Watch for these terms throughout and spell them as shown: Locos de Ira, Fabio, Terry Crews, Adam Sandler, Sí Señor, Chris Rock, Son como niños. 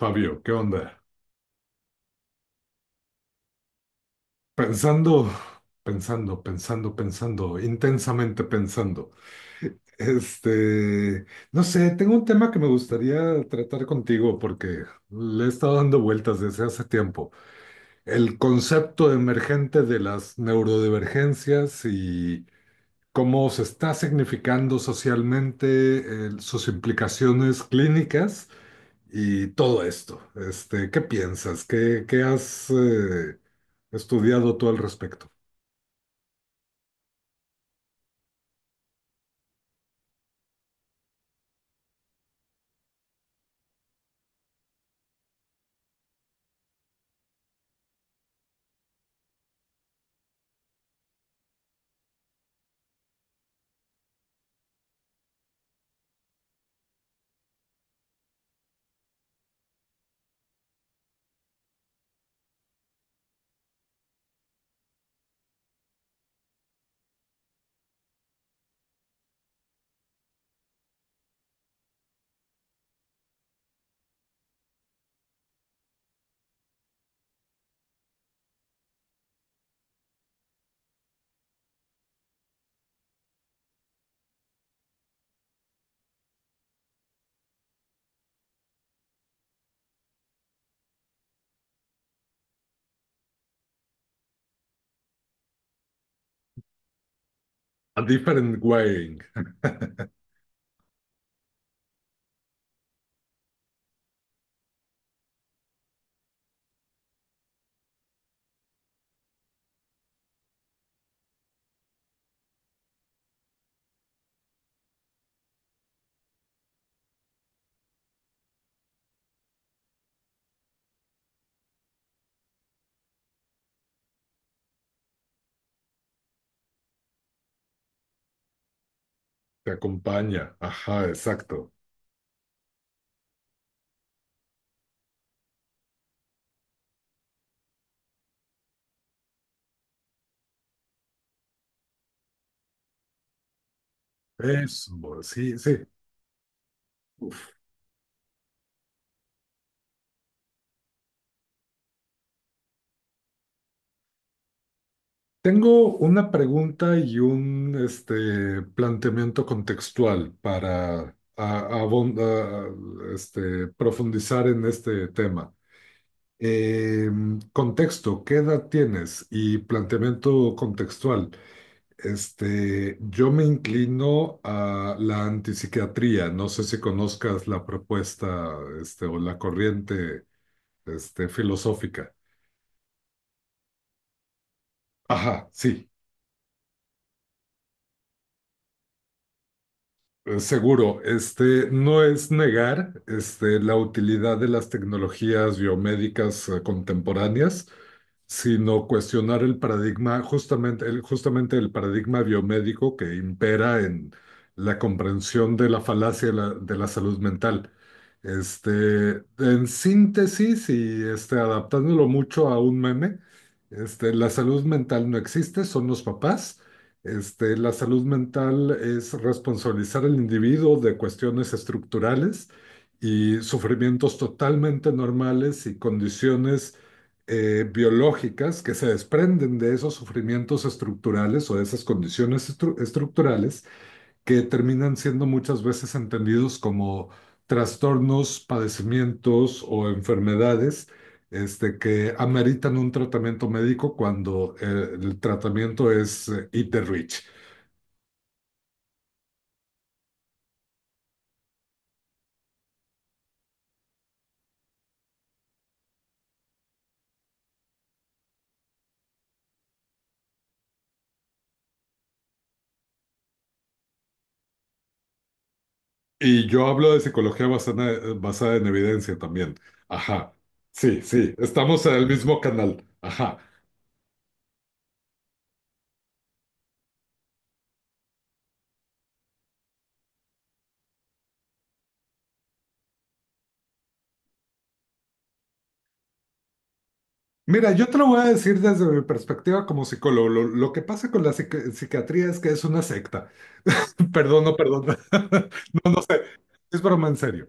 Fabio, ¿qué onda? Pensando, pensando, pensando, pensando, intensamente pensando. Este, no sé, tengo un tema que me gustaría tratar contigo porque le he estado dando vueltas desde hace tiempo. El concepto emergente de las neurodivergencias y cómo se está significando socialmente, sus implicaciones clínicas y todo esto. ¿Qué piensas? ¿Qué has estudiado tú al respecto? A different wiring te acompaña. Ajá, exacto. Eso, sí, sí. Uf. Tengo una pregunta y un planteamiento contextual para profundizar en este tema. Eh, Contexto, ¿qué edad tienes? Y planteamiento contextual. Yo me inclino a la antipsiquiatría. No sé si conozcas la propuesta, o la corriente, filosófica. Ajá, sí, seguro. No es negar, la utilidad de las tecnologías biomédicas contemporáneas, sino cuestionar el paradigma, justamente el paradigma biomédico que impera en la comprensión de la falacia de la salud mental. En síntesis y adaptándolo mucho a un meme, la salud mental no existe, son los papás. La salud mental es responsabilizar al individuo de cuestiones estructurales y sufrimientos totalmente normales y condiciones biológicas que se desprenden de esos sufrimientos estructurales o de esas condiciones estructurales que terminan siendo muchas veces entendidos como trastornos, padecimientos o enfermedades que ameritan un tratamiento médico cuando el tratamiento es eat the rich. Y yo hablo de psicología basada en evidencia también. Ajá. Sí, sí, estamos en el mismo canal. Ajá. Mira, yo te lo voy a decir desde mi perspectiva como psicólogo. Lo que pasa con la psiquiatría es que es una secta. Perdón, no, perdón. No, no sé. Es broma en serio.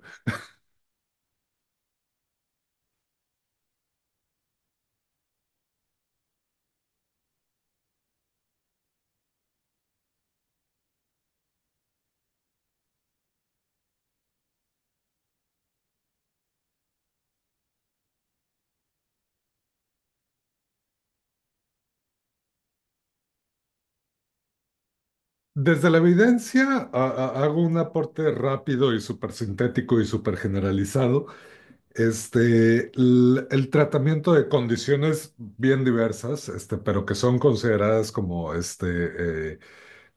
Desde la evidencia hago un aporte rápido y súper sintético y súper generalizado. El tratamiento de condiciones bien diversas, pero que son consideradas como este, eh,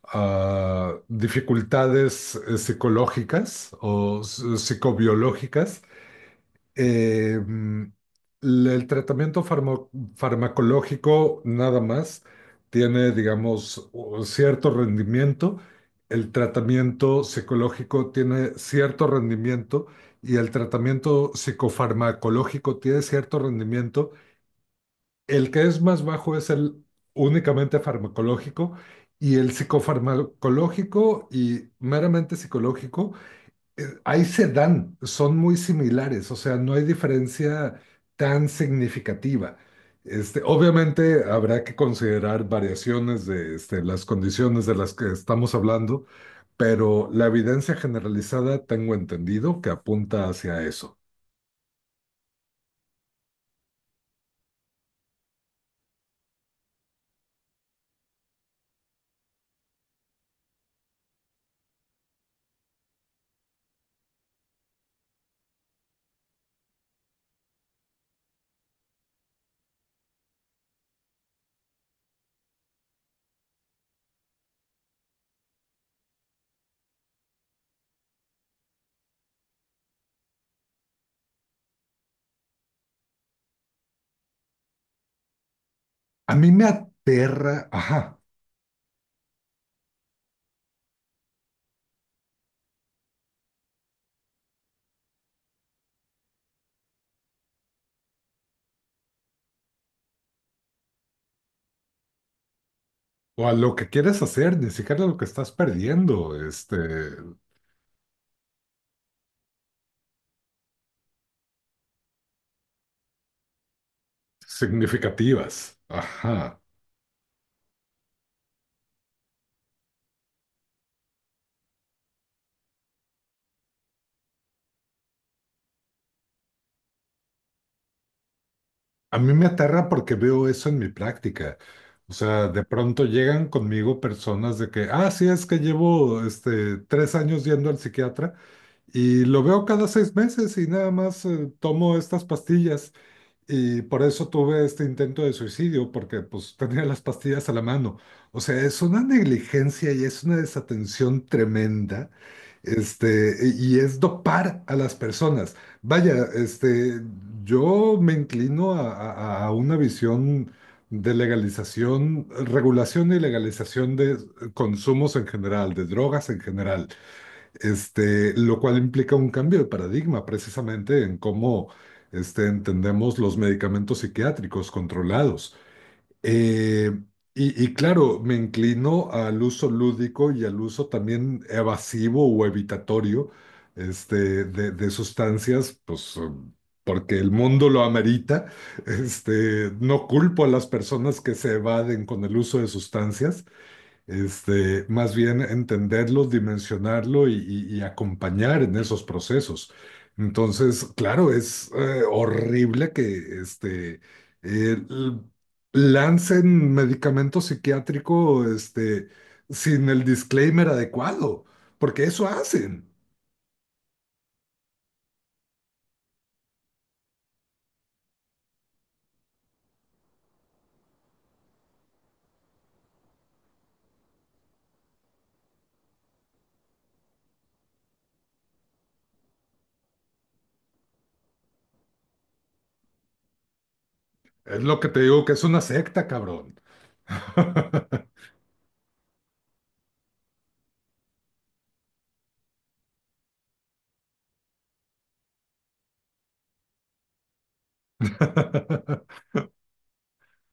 ah, dificultades psicológicas o psicobiológicas, eh, el tratamiento farmacológico nada más tiene, digamos, cierto rendimiento. El tratamiento psicológico tiene cierto rendimiento y el tratamiento psicofarmacológico tiene cierto rendimiento. El que es más bajo es el únicamente farmacológico, y el psicofarmacológico y meramente psicológico, ahí se dan, son muy similares, o sea, no hay diferencia tan significativa. Obviamente habrá que considerar variaciones de las condiciones de las que estamos hablando, pero la evidencia generalizada tengo entendido que apunta hacia eso. A mí me aterra, ajá, o a lo que quieres hacer, ni siquiera lo que estás perdiendo, significativas, ajá. A mí me aterra porque veo eso en mi práctica. O sea, de pronto llegan conmigo personas de que, ah, sí, es que llevo tres años yendo al psiquiatra y lo veo cada seis meses y nada más tomo estas pastillas. Y por eso tuve este intento de suicidio, porque pues tenía las pastillas a la mano. O sea, es una negligencia y es una desatención tremenda. Y es dopar a las personas. Vaya, yo me inclino a una visión de legalización, regulación y legalización de consumos en general, de drogas en general, lo cual implica un cambio de paradigma precisamente en cómo entendemos los medicamentos psiquiátricos controlados. Eh, y claro, me inclino al uso lúdico y al uso también evasivo o evitatorio, de sustancias, pues, porque el mundo lo amerita. No culpo a las personas que se evaden con el uso de sustancias. Más bien entenderlo, dimensionarlo y, y acompañar en esos procesos. Entonces, claro, es horrible que eh, l- lancen medicamento psiquiátrico, sin el disclaimer adecuado, porque eso hacen. Es lo que te digo, que es una secta, cabrón.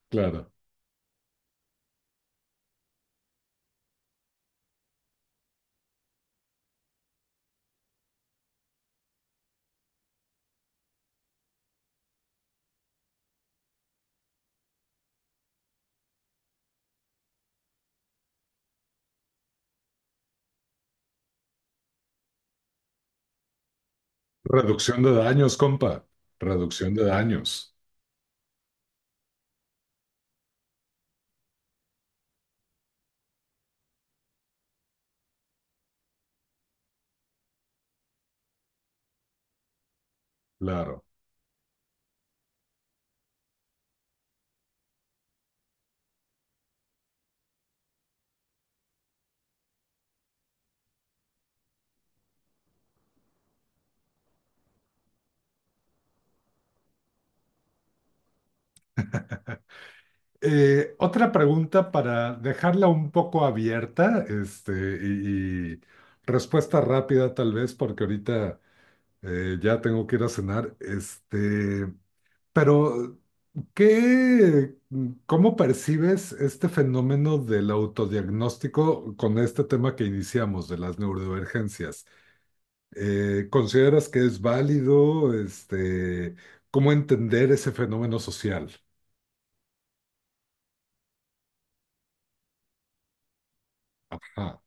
Claro. Reducción de daños, compa. Reducción de daños. Claro. Otra pregunta para dejarla un poco abierta, y respuesta rápida tal vez, porque ahorita ya tengo que ir a cenar. Pero ¿qué, cómo percibes este fenómeno del autodiagnóstico con este tema que iniciamos de las neurodivergencias? ¿Consideras que es válido? ¿Cómo entender ese fenómeno social? Ajá,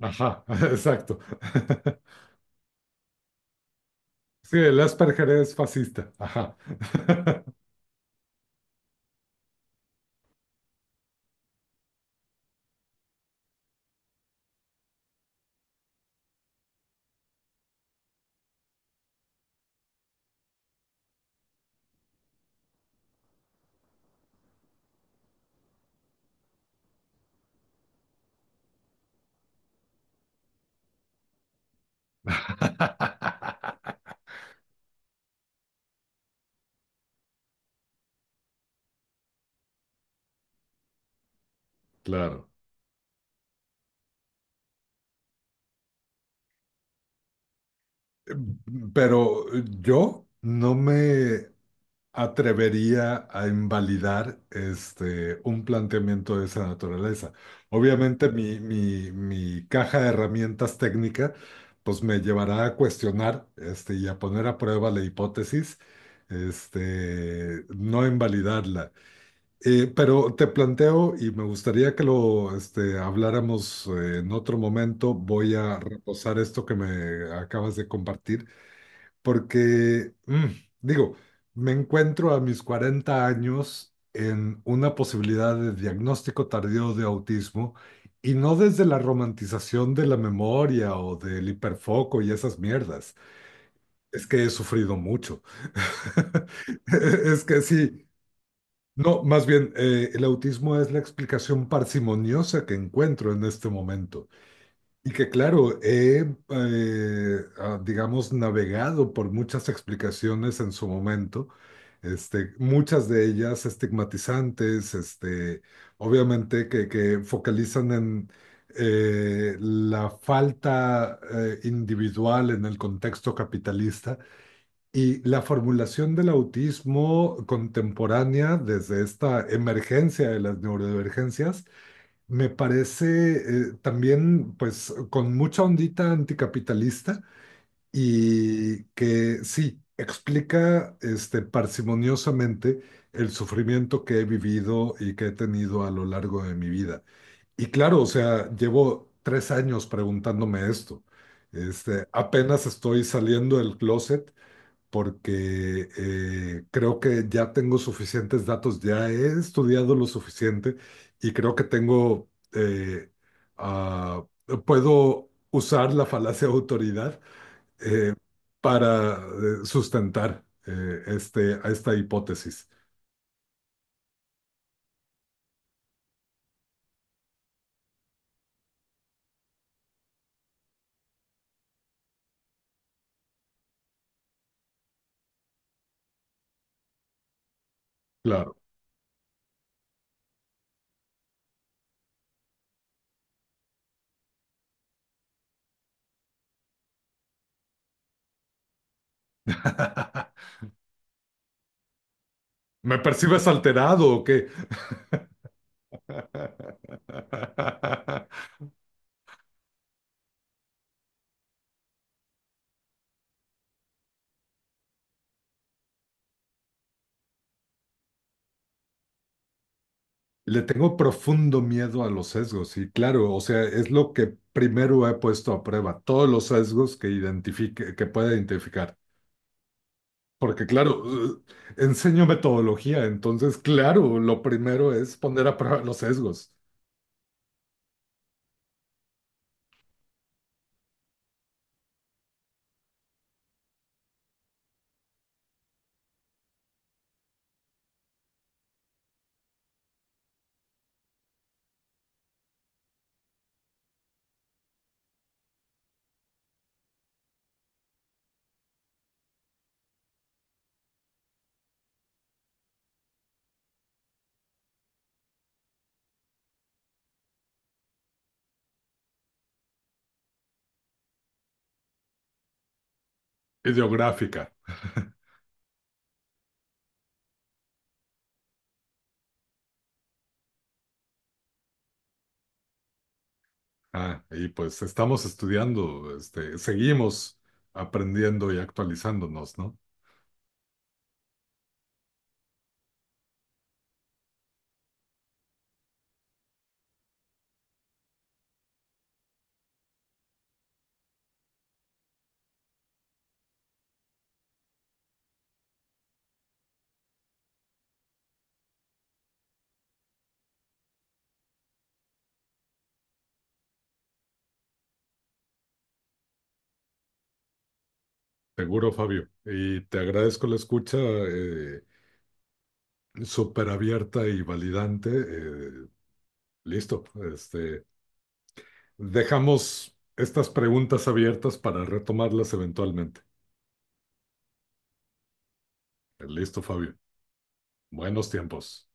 ajá, exacto. Sí, el Asperger es fascista. Ajá. Claro. Pero yo no me atrevería a invalidar un planteamiento de esa naturaleza. Obviamente mi caja de herramientas técnica pues me llevará a cuestionar y a poner a prueba la hipótesis, no invalidarla. Pero te planteo, y me gustaría que lo habláramos en otro momento, voy a reposar esto que me acabas de compartir, porque, digo, me encuentro a mis 40 años en una posibilidad de diagnóstico tardío de autismo, y no desde la romantización de la memoria o del hiperfoco y esas mierdas. Es que he sufrido mucho. Es que sí. No, más bien, el autismo es la explicación parsimoniosa que encuentro en este momento. Y que claro, he, digamos, navegado por muchas explicaciones en su momento, muchas de ellas estigmatizantes, obviamente que focalizan en la falta individual en el contexto capitalista, y la formulación del autismo contemporánea desde esta emergencia de las neurodivergencias me parece también pues con mucha ondita anticapitalista, y que sí explica parsimoniosamente el sufrimiento que he vivido y que he tenido a lo largo de mi vida. Y claro, o sea, llevo tres años preguntándome esto. Apenas estoy saliendo del closet porque creo que ya tengo suficientes datos, ya he estudiado lo suficiente y creo que tengo, ah, puedo usar la falacia de autoridad eh, para sustentar a esta hipótesis. Claro. ¿Me percibes alterado o qué? Le tengo profundo miedo a los sesgos, y claro, o sea, es lo que primero he puesto a prueba, todos los sesgos que identifique, que pueda identificar. Porque claro, eh, enseño metodología, entonces claro, lo primero es poner a prueba los sesgos. Ideográfica. Ah, y pues estamos estudiando, seguimos aprendiendo y actualizándonos, ¿no? Seguro, Fabio. Y te agradezco la escucha, súper abierta y validante. Listo. Este, Dejamos estas preguntas abiertas para retomarlas eventualmente. Listo, Fabio. Buenos tiempos.